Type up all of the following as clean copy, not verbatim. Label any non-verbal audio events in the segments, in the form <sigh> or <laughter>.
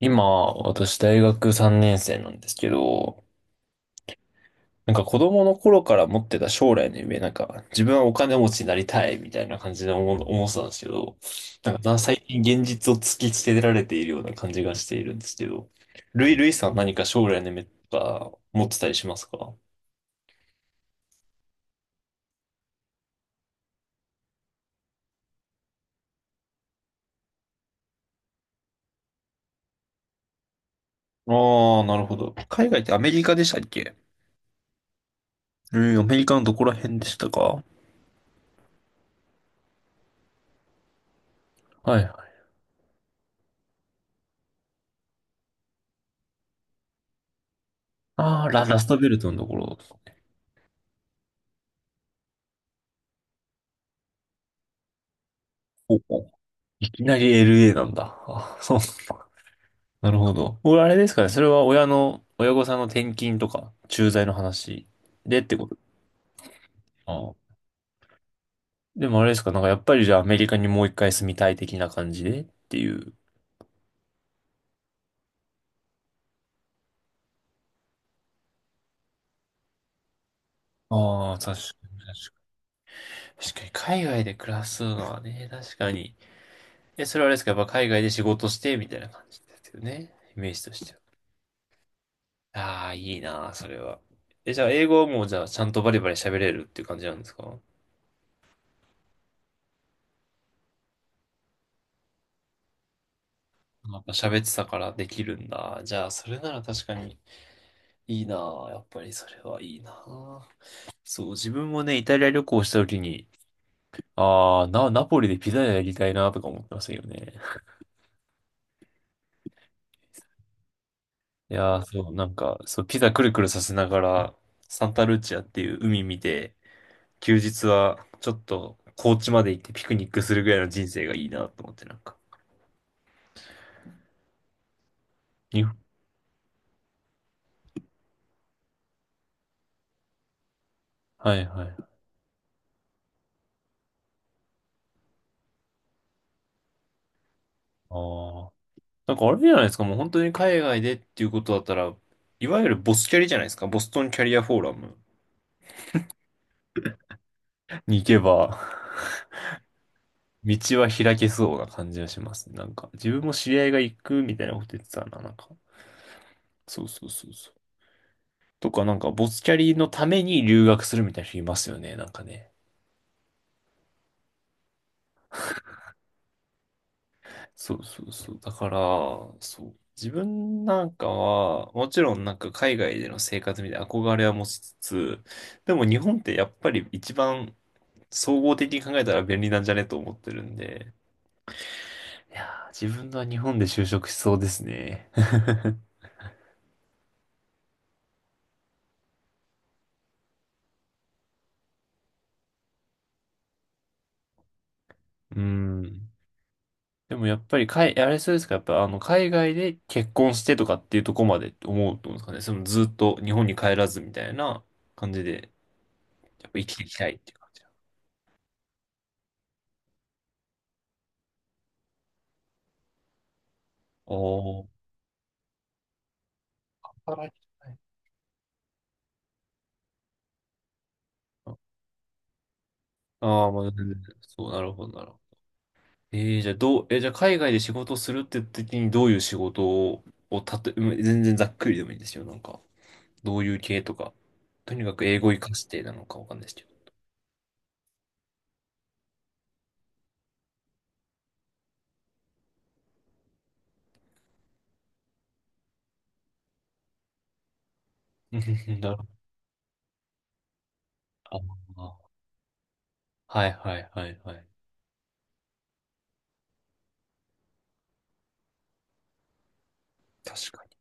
今、私大学3年生なんですけど、子供の頃から持ってた将来の夢、自分はお金持ちになりたいみたいな感じで思ってたんですけど、最近現実を突きつけられているような感じがしているんですけど、ルイさん何か将来の夢とか持ってたりしますか？ああ、なるほど。海外ってアメリカでしたっけ？うん、アメリカのどこら辺でしたか？はいはい。ああ、ラストベルトのところ。おお、いきなり LA なんだ。あ、そう。なるほど。俺、あれですかね。それは親御さんの転勤とか、駐在の話でってこと。ああ。でもあれですか。やっぱりじゃあアメリカにもう一回住みたい的な感じでっていう。ああ、確かに、確かに、海外で暮らすのはね、確かに。え、それはあれですか。やっぱ海外で仕事して、みたいな感じですよね。イメージとしては。ああ、いいなあ、それは。え、じゃあ英語はもうじゃあちゃんとバリバリ喋れるっていう感じなんですか？やっぱ喋ってたからできるんだ。じゃあ、それなら確かに。いいなぁ。やっぱりそれはいいなぁ。そう、自分もね、イタリア旅行した時に、ナポリでピザやりたいなとか思ってましたよね。ピザくるくるさせながら、サンタルチアっていう海見て、休日はちょっと高知まで行ってピクニックするぐらいの人生がいいなと思って、に、はいはい。ああ。あれじゃないですか、もう本当に海外でっていうことだったら、いわゆるボスキャリじゃないですか、ボストンキャリアフォーラムに行けば、道は開けそうな感じがします。自分も知り合いが行くみたいなこと言ってたな、そうそうそうそう。とか、なんか、ボスキャリのために留学するみたいな人いますよね、なんかね。そうそうそう。だから、そう。自分なんかは、もちろん海外での生活みたいな憧れは持ちつつ、でも日本ってやっぱり一番総合的に考えたら便利なんじゃねと思ってるんで、いやー、自分は日本で就職しそうですね。<laughs> うん。でもやっぱりあれそうですか、やっぱあの海外で結婚してとかっていうとこまでって思うと思うんですかね。そのずっと日本に帰らずみたいな感じで、やっぱ生きていきたいっていう感じ。おー、働きたい。ああ、まあ、全然そう、なるほど、なるほど。えー、じゃあどう、えー、じゃあ海外で仕事するって時にどういう仕事を、をたと、うん全然ざっくりでもいいんですよ。どういう系とか、とにかく英語活かしてなのかわかんないですけど。<laughs> うん、なるほど。あー、はいはいはいはい。確かに。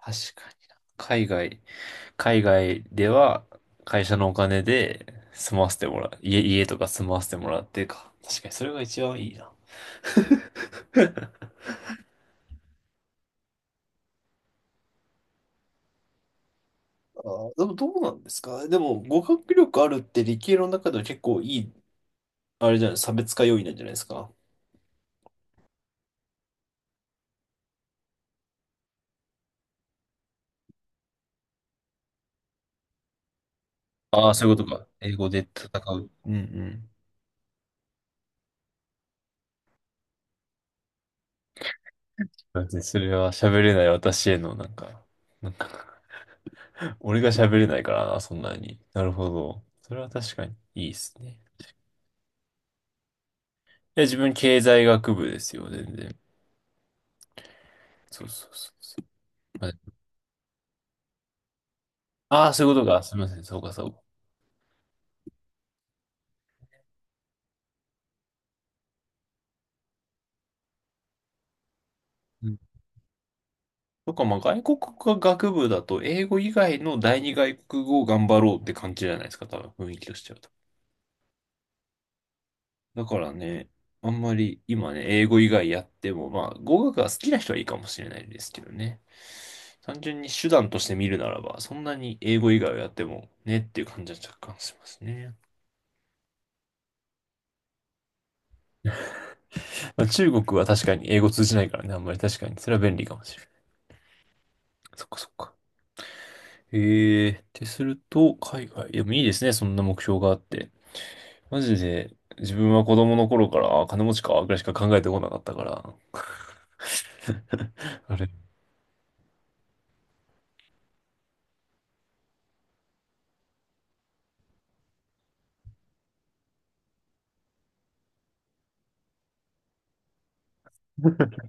確かにな。海外では会社のお金で住まわせてもらう。家とか住まわせてもらってか。確かにそれが一番いいな。あー、でもどうなんですかでも、語学力あるって理系の中では結構いい、あれじゃない、差別化要因なんじゃないですか。ああ、そういうことか。英語で戦う。うんうん。だってそれは喋れない私へのなんか、なんか <laughs> 俺が喋れないからな、そんなに。なるほど。それは確かにいいですね。いや、自分経済学部ですよ、全然。そうそうそうそう。はい、ああ、そういうことか。すみません。そうか、そうか。うん、そっか、まあ、外国語学部だと、英語以外の第二外国語を頑張ろうって感じじゃないですか、多分、雰囲気としては。だからね、あんまり今ね、英語以外やっても、まあ、語学が好きな人はいいかもしれないですけどね。単純に手段として見るならば、そんなに英語以外をやってもねっていう感じは若干しますね。まあ、中国は確かに英語通じないからね、あんまり確かに。それは便利かもしれない。そっかそっか。へえ、ってすると、海外。でもいいですね、そんな目標があって。マジで、自分は子供の頃から、あ、金持ちか、ぐらいしか考えてこなかったから。<laughs> あれ。<laughs>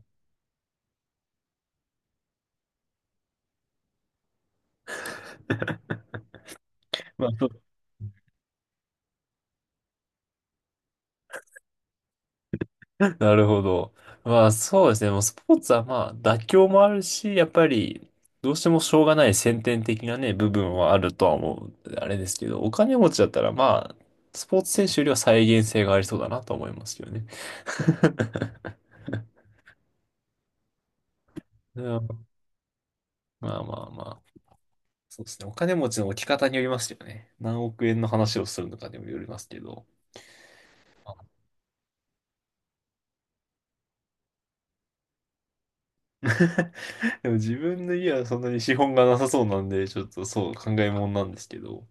まあ、そう <laughs> なるほど。まあ、そうですね。もうスポーツはまあ、妥協もあるし、やっぱり、どうしてもしょうがない先天的なね、部分はあるとは思う。あれですけど、お金持ちだったらまあ、スポーツ選手よりは再現性がありそうだなと思いますけどね。<laughs> うん、まあまあまあ。そうですね。お金持ちの置き方によりますよね。何億円の話をするのかにもよりますけど。<laughs> でも自分の家はそんなに資本がなさそうなんで、ちょっとそう考えもんなんですけど。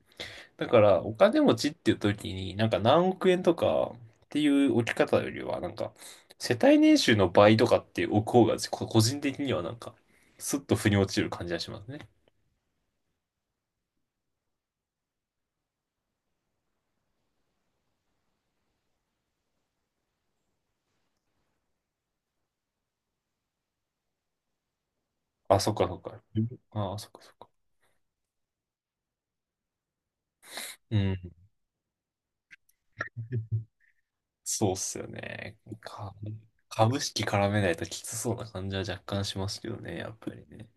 だからお金持ちっていう時に何億円とかっていう置き方よりは、世帯年収の倍とかって置く方が個人的にはなんかスッと腑に落ちる感じがしますね。あ、そっかそっか。ああ、そっかそっか。うん。そうっすよね。か、株式絡めないときつそうな感じは若干しますけどね、やっぱりね。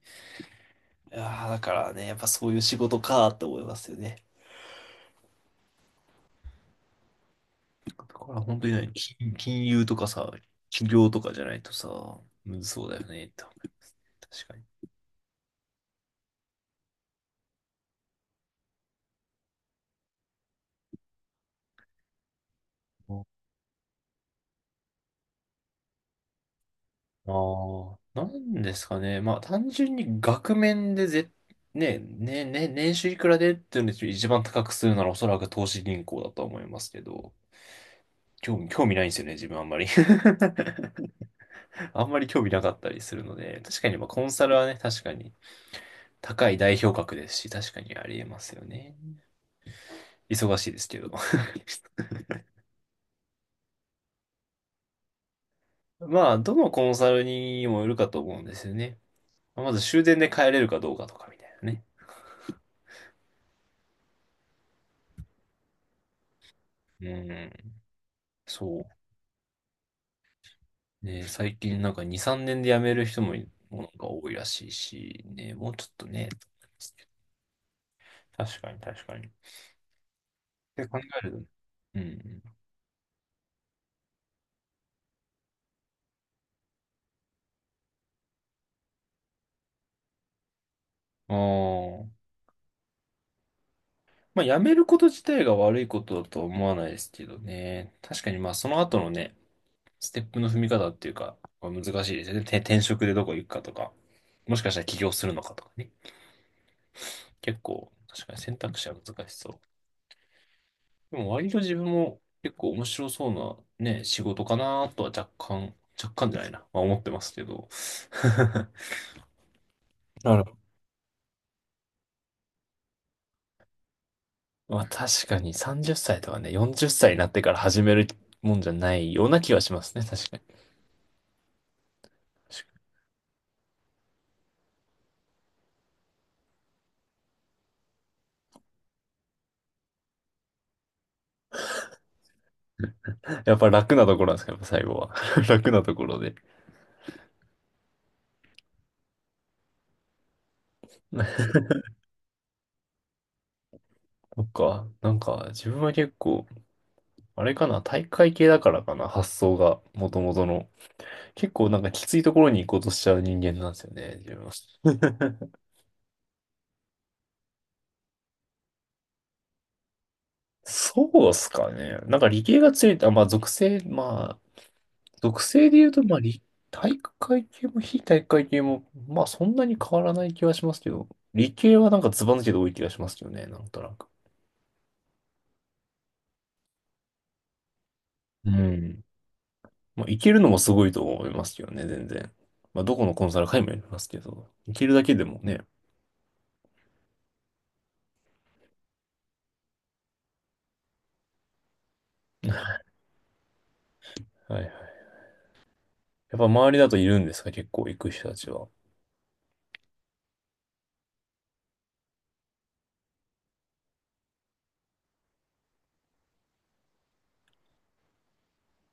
いやーだからね、やっぱそういう仕事かーって思いますよね。だから本当にね、金融とかさ、企業とかじゃないとさ、むずそうだよねって思う、確かに。ああ、なんですかね。まあ、単純に額面でぜ、ね、ね、ね、年収いくらでっていうのを一番高くするならおそらく投資銀行だとは思いますけど、興味ないんですよね、自分あんまり。<laughs> <laughs> あんまり興味なかったりするので、確かにまあコンサルはね、確かに高い代表格ですし、確かにありえますよね。忙しいですけど。<laughs> まあ、どのコンサルにもよるかと思うんですよね。まず終電で帰れるかどうかとかみたいなね。うん、そう。ね、最近なんか2、3年で辞める人も、もなんか多いらしいし、ね、もうちょっとね、確かに確かに。で考えると、うんうん。ああ。まあ、辞めること自体が悪いことだとは思わないですけどね。確かにまあ、その後のね、ステップの踏み方っていうか、まあ難しいですよね。て転職でどこ行くかとか、もしかしたら起業するのかとかね。結構、確かに選択肢は難しそう。でも割と自分も結構面白そうなね、仕事かなとは若干じゃないな。まあ、思ってますけど。<laughs> なるほど。まあ確かに30歳とかね、40歳になってから始めるもんじゃないような気はしますね。確かに。やっぱ楽なところなんですか、やっぱ最後は。<laughs> 楽なところで。そっか、なんか自分は結構、あれかな、体育会系だからかな、発想が、もともとの。結構なんかきついところに行こうとしちゃう人間なんですよね、自分は。<laughs> そうっすかね。なんか理系が強いって、まあ属性、属性で言うと、まあ理、体育会系も非体育会系も、まあそんなに変わらない気はしますけど、理系はなんかずば抜けて多い気がしますけどね、なんとなく。うん。まあ、行けるのもすごいと思いますけどね、全然。まあ、どこのコンサル会もやりますけど、行けるだけでもね。はいはい。やっぱ周りだといるんですか、結構行く人たちは。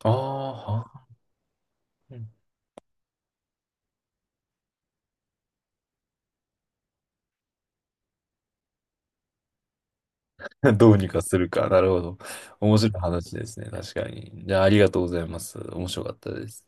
ああ、は。うん <laughs> どうにかするか。なるほど。面白い話ですね、確かに。じゃあ、ありがとうございます。面白かったです。